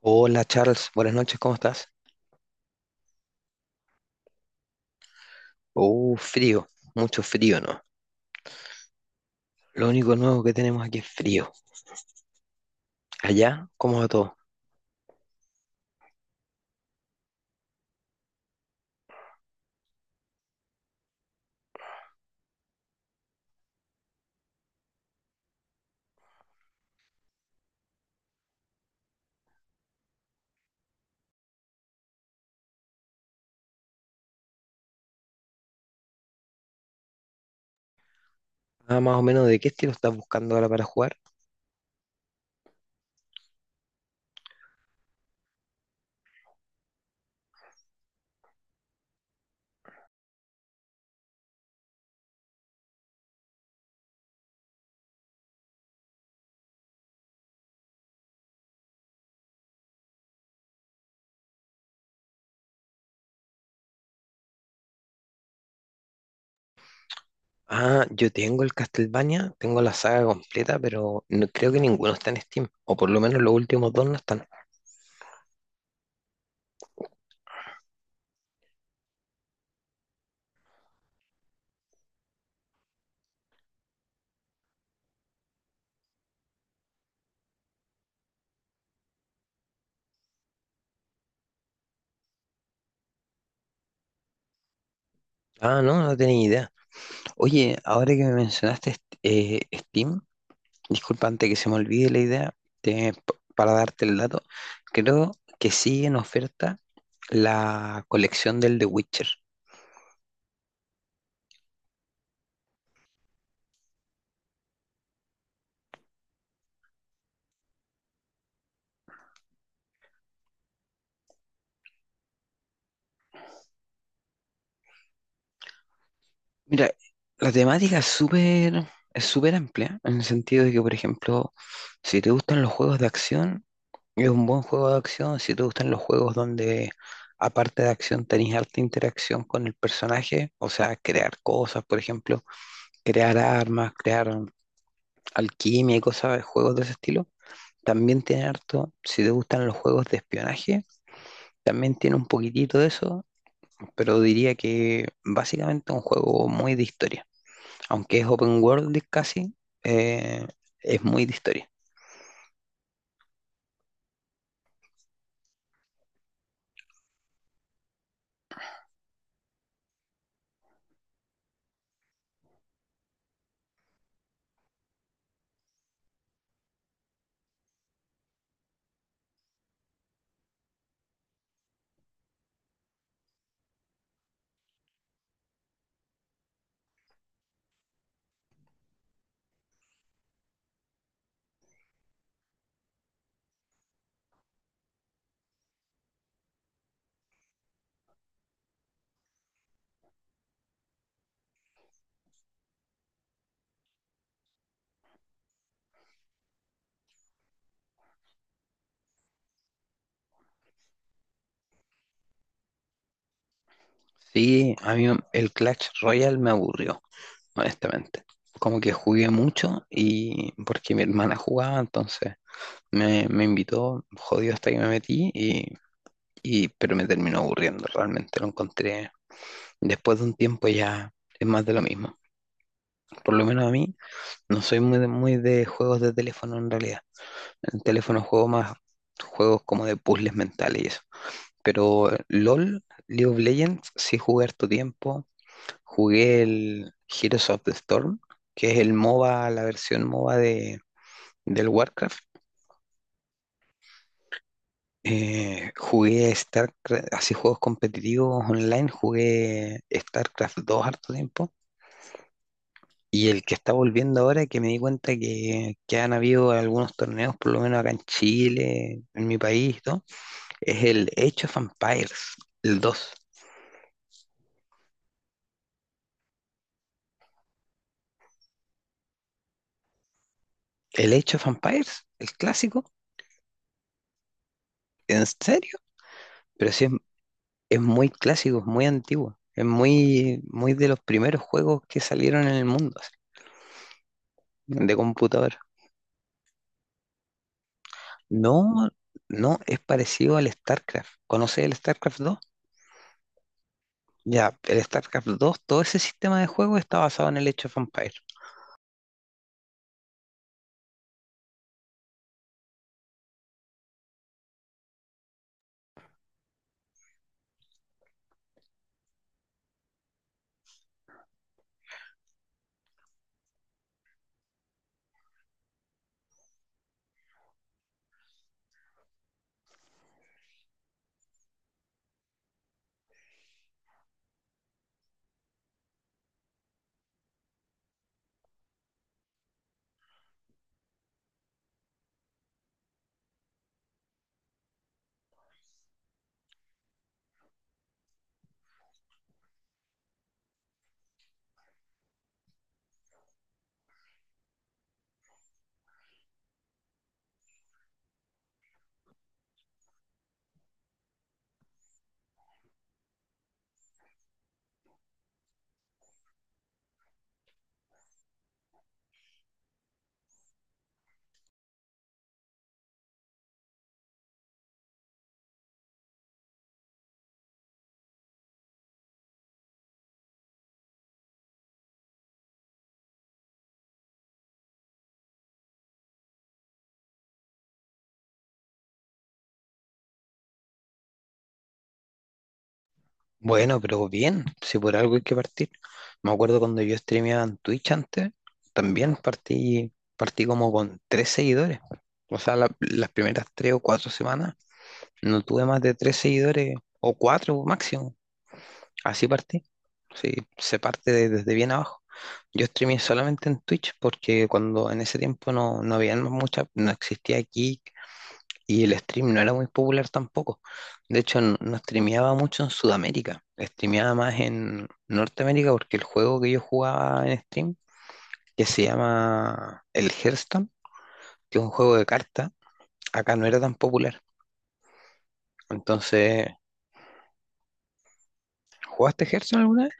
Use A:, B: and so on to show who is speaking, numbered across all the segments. A: Hola Charles, buenas noches, ¿cómo estás? Frío, mucho frío, ¿no? Lo único nuevo que tenemos aquí es frío. Allá, ¿cómo va todo? Ah, más o menos, ¿de qué estilo estás buscando ahora para jugar? Ah, yo tengo el Castlevania, tengo la saga completa, pero no, creo que ninguno está en Steam, o por lo menos los últimos dos no están. Ah, no, no tenía idea. Oye, ahora que me mencionaste Steam, disculpa antes que se me olvide la idea, para darte el dato, creo que sigue en oferta la colección del The Witcher. Mira, la temática es súper, es súper amplia, en el sentido de que, por ejemplo, si te gustan los juegos de acción, es un buen juego de acción. Si te gustan los juegos donde, aparte de acción, tenés harta interacción con el personaje, o sea, crear cosas, por ejemplo, crear armas, crear alquimia y cosas, juegos de ese estilo, también tiene harto. Si te gustan los juegos de espionaje, también tiene un poquitito de eso. Pero diría que básicamente es un juego muy de historia. Aunque es open world casi, eh, es muy de historia. Sí, a mí el Clash Royale me aburrió, honestamente. Como que jugué mucho y porque mi hermana jugaba, entonces me invitó, jodido hasta que me metí, pero me terminó aburriendo, realmente lo encontré. Después de un tiempo ya es más de lo mismo. Por lo menos a mí, no soy muy de juegos de teléfono en realidad. En teléfono juego más juegos como de puzzles mentales y eso. Pero LOL, League of Legends, sí jugué harto tiempo. Jugué el Heroes of the Storm, que es el MOBA, la versión MOBA del Warcraft. Jugué StarCraft, así juegos competitivos online, jugué StarCraft 2 harto tiempo. Y el que está volviendo ahora, que me di cuenta que han habido algunos torneos, por lo menos acá en Chile, en mi país, y todo. Es el Age of Empires, el dos. El Age of Empires, el clásico. ¿En serio? Pero sí es muy clásico, es muy antiguo. Es muy de los primeros juegos que salieron en el mundo, así, de computador. No, no, es parecido al StarCraft. ¿Conoces el StarCraft dos? Ya, el StarCraft dos, todo ese sistema de juego está basado en el Age of Empires. Bueno, pero bien, si por algo hay que partir. Me acuerdo cuando yo streameaba en Twitch antes, también partí, partí como con tres seguidores. O sea, las primeras tres o cuatro semanas no tuve más de tres seguidores o cuatro máximo. Así partí. Sí, se parte desde bien abajo. Yo streameé solamente en Twitch porque cuando en ese tiempo no había mucha, no existía aquí y el stream no era muy popular tampoco. De hecho, no streameaba mucho en Sudamérica. Streameaba más en Norteamérica porque el juego que yo jugaba en stream, que se llama el Hearthstone, que es un juego de cartas, acá no era tan popular. Entonces, ¿jugaste Hearthstone alguna vez?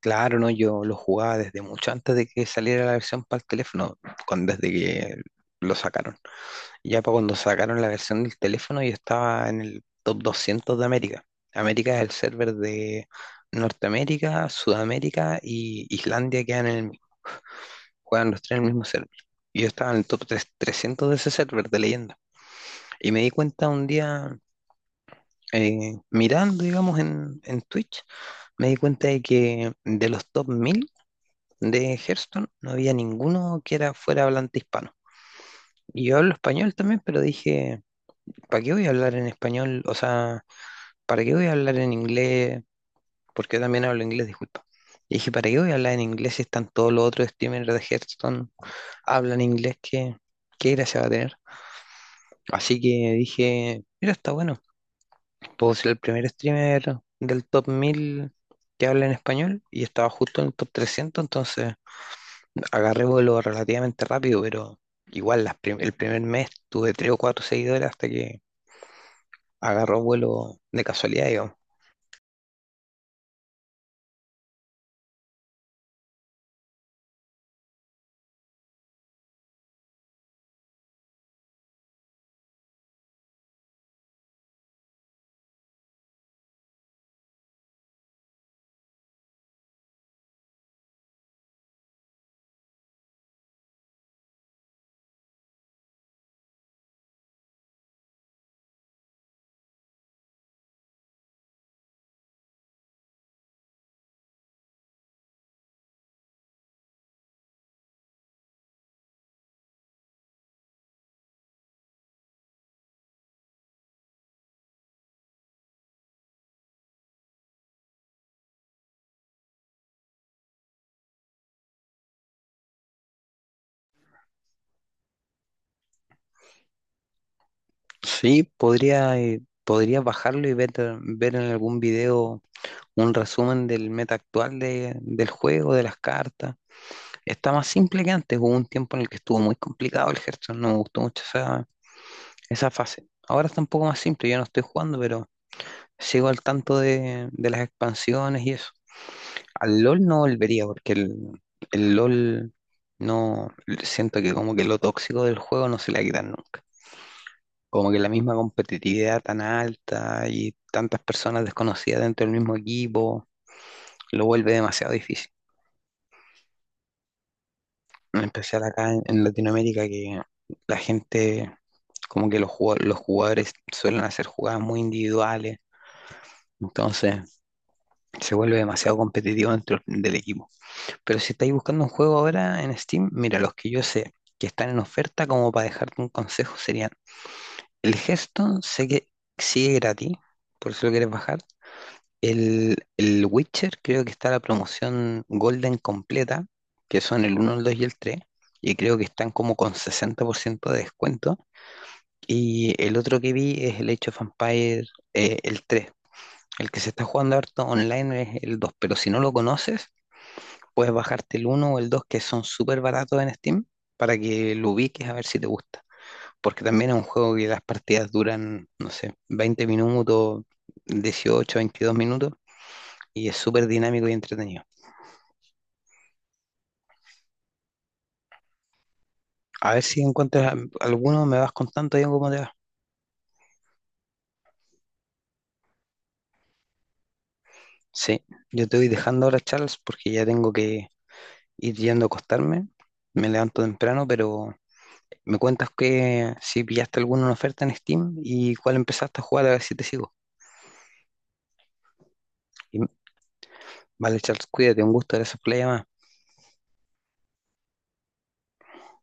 A: Claro, no, yo lo jugaba desde mucho antes de que saliera la versión para el teléfono, cuando, desde que lo sacaron. Ya para cuando sacaron la versión del teléfono, yo estaba en el top 200 de América. América es el server de Norteamérica, Sudamérica y Islandia quedan en el mismo, juegan los tres en el mismo server. Y yo estaba en el top 300 de ese server de leyenda. Y me di cuenta un día, mirando, digamos, en Twitch, me di cuenta de que de los top 1000 de Hearthstone no había ninguno que era fuera hablante hispano. Y yo hablo español también, pero dije, ¿para qué voy a hablar en español? O sea, ¿para qué voy a hablar en inglés? Porque yo también hablo inglés, disculpa. Y dije, ¿para qué voy a hablar en inglés si están todos los otros streamers de Hearthstone hablan inglés? ¿Qué gracia va a tener? Así que dije, mira, está bueno. Puedo ser el primer streamer del top 1000 que habla en español y estaba justo en el top 300, entonces agarré vuelo relativamente rápido, pero igual las el primer mes tuve 3 o 4 seguidores hasta que agarró vuelo de casualidad, digamos. Sí, podría, podría bajarlo y ver, ver en algún video un resumen del meta actual del juego, de las cartas. Está más simple que antes. Hubo un tiempo en el que estuvo muy complicado el Hearthstone. No me gustó mucho esa, esa fase. Ahora está un poco más simple. Yo no estoy jugando, pero sigo al tanto de las expansiones y eso. Al LOL no volvería porque el LOL, no siento que como que lo tóxico del juego no se le ha quitado nunca. Como que la misma competitividad tan alta y tantas personas desconocidas dentro del mismo equipo lo vuelve demasiado difícil. En especial acá en Latinoamérica, que la gente, como que los jugadores suelen hacer jugadas muy individuales, entonces se vuelve demasiado competitivo dentro del equipo. Pero si estáis buscando un juego ahora en Steam, mira, los que yo sé que están en oferta, como para dejarte un consejo, serían el Hearthstone, sé que sigue gratis, por eso lo quieres bajar. El Witcher creo que está la promoción Golden completa, que son el uno, el 2 y el 3 y creo que están como con 60% de descuento. Y el otro que vi es el Age of Empires, el tres. El que se está jugando harto online es el dos, pero si no lo conoces, puedes bajarte el uno o el 2 que son súper baratos en Steam para que lo ubiques a ver si te gusta. Porque también es un juego que las partidas duran, no sé, 20 minutos, 18, 22 minutos y es súper dinámico y entretenido. A ver si encuentras alguno, me vas contando ya cómo te va. Sí, yo te voy dejando ahora, Charles, porque ya tengo que ir yendo a acostarme. Me levanto temprano, pero me cuentas que si pillaste alguna oferta en Steam y cuál empezaste a jugar, a ver si te sigo. Y- vale, Charles, cuídate, un gusto, gracias por la llamada.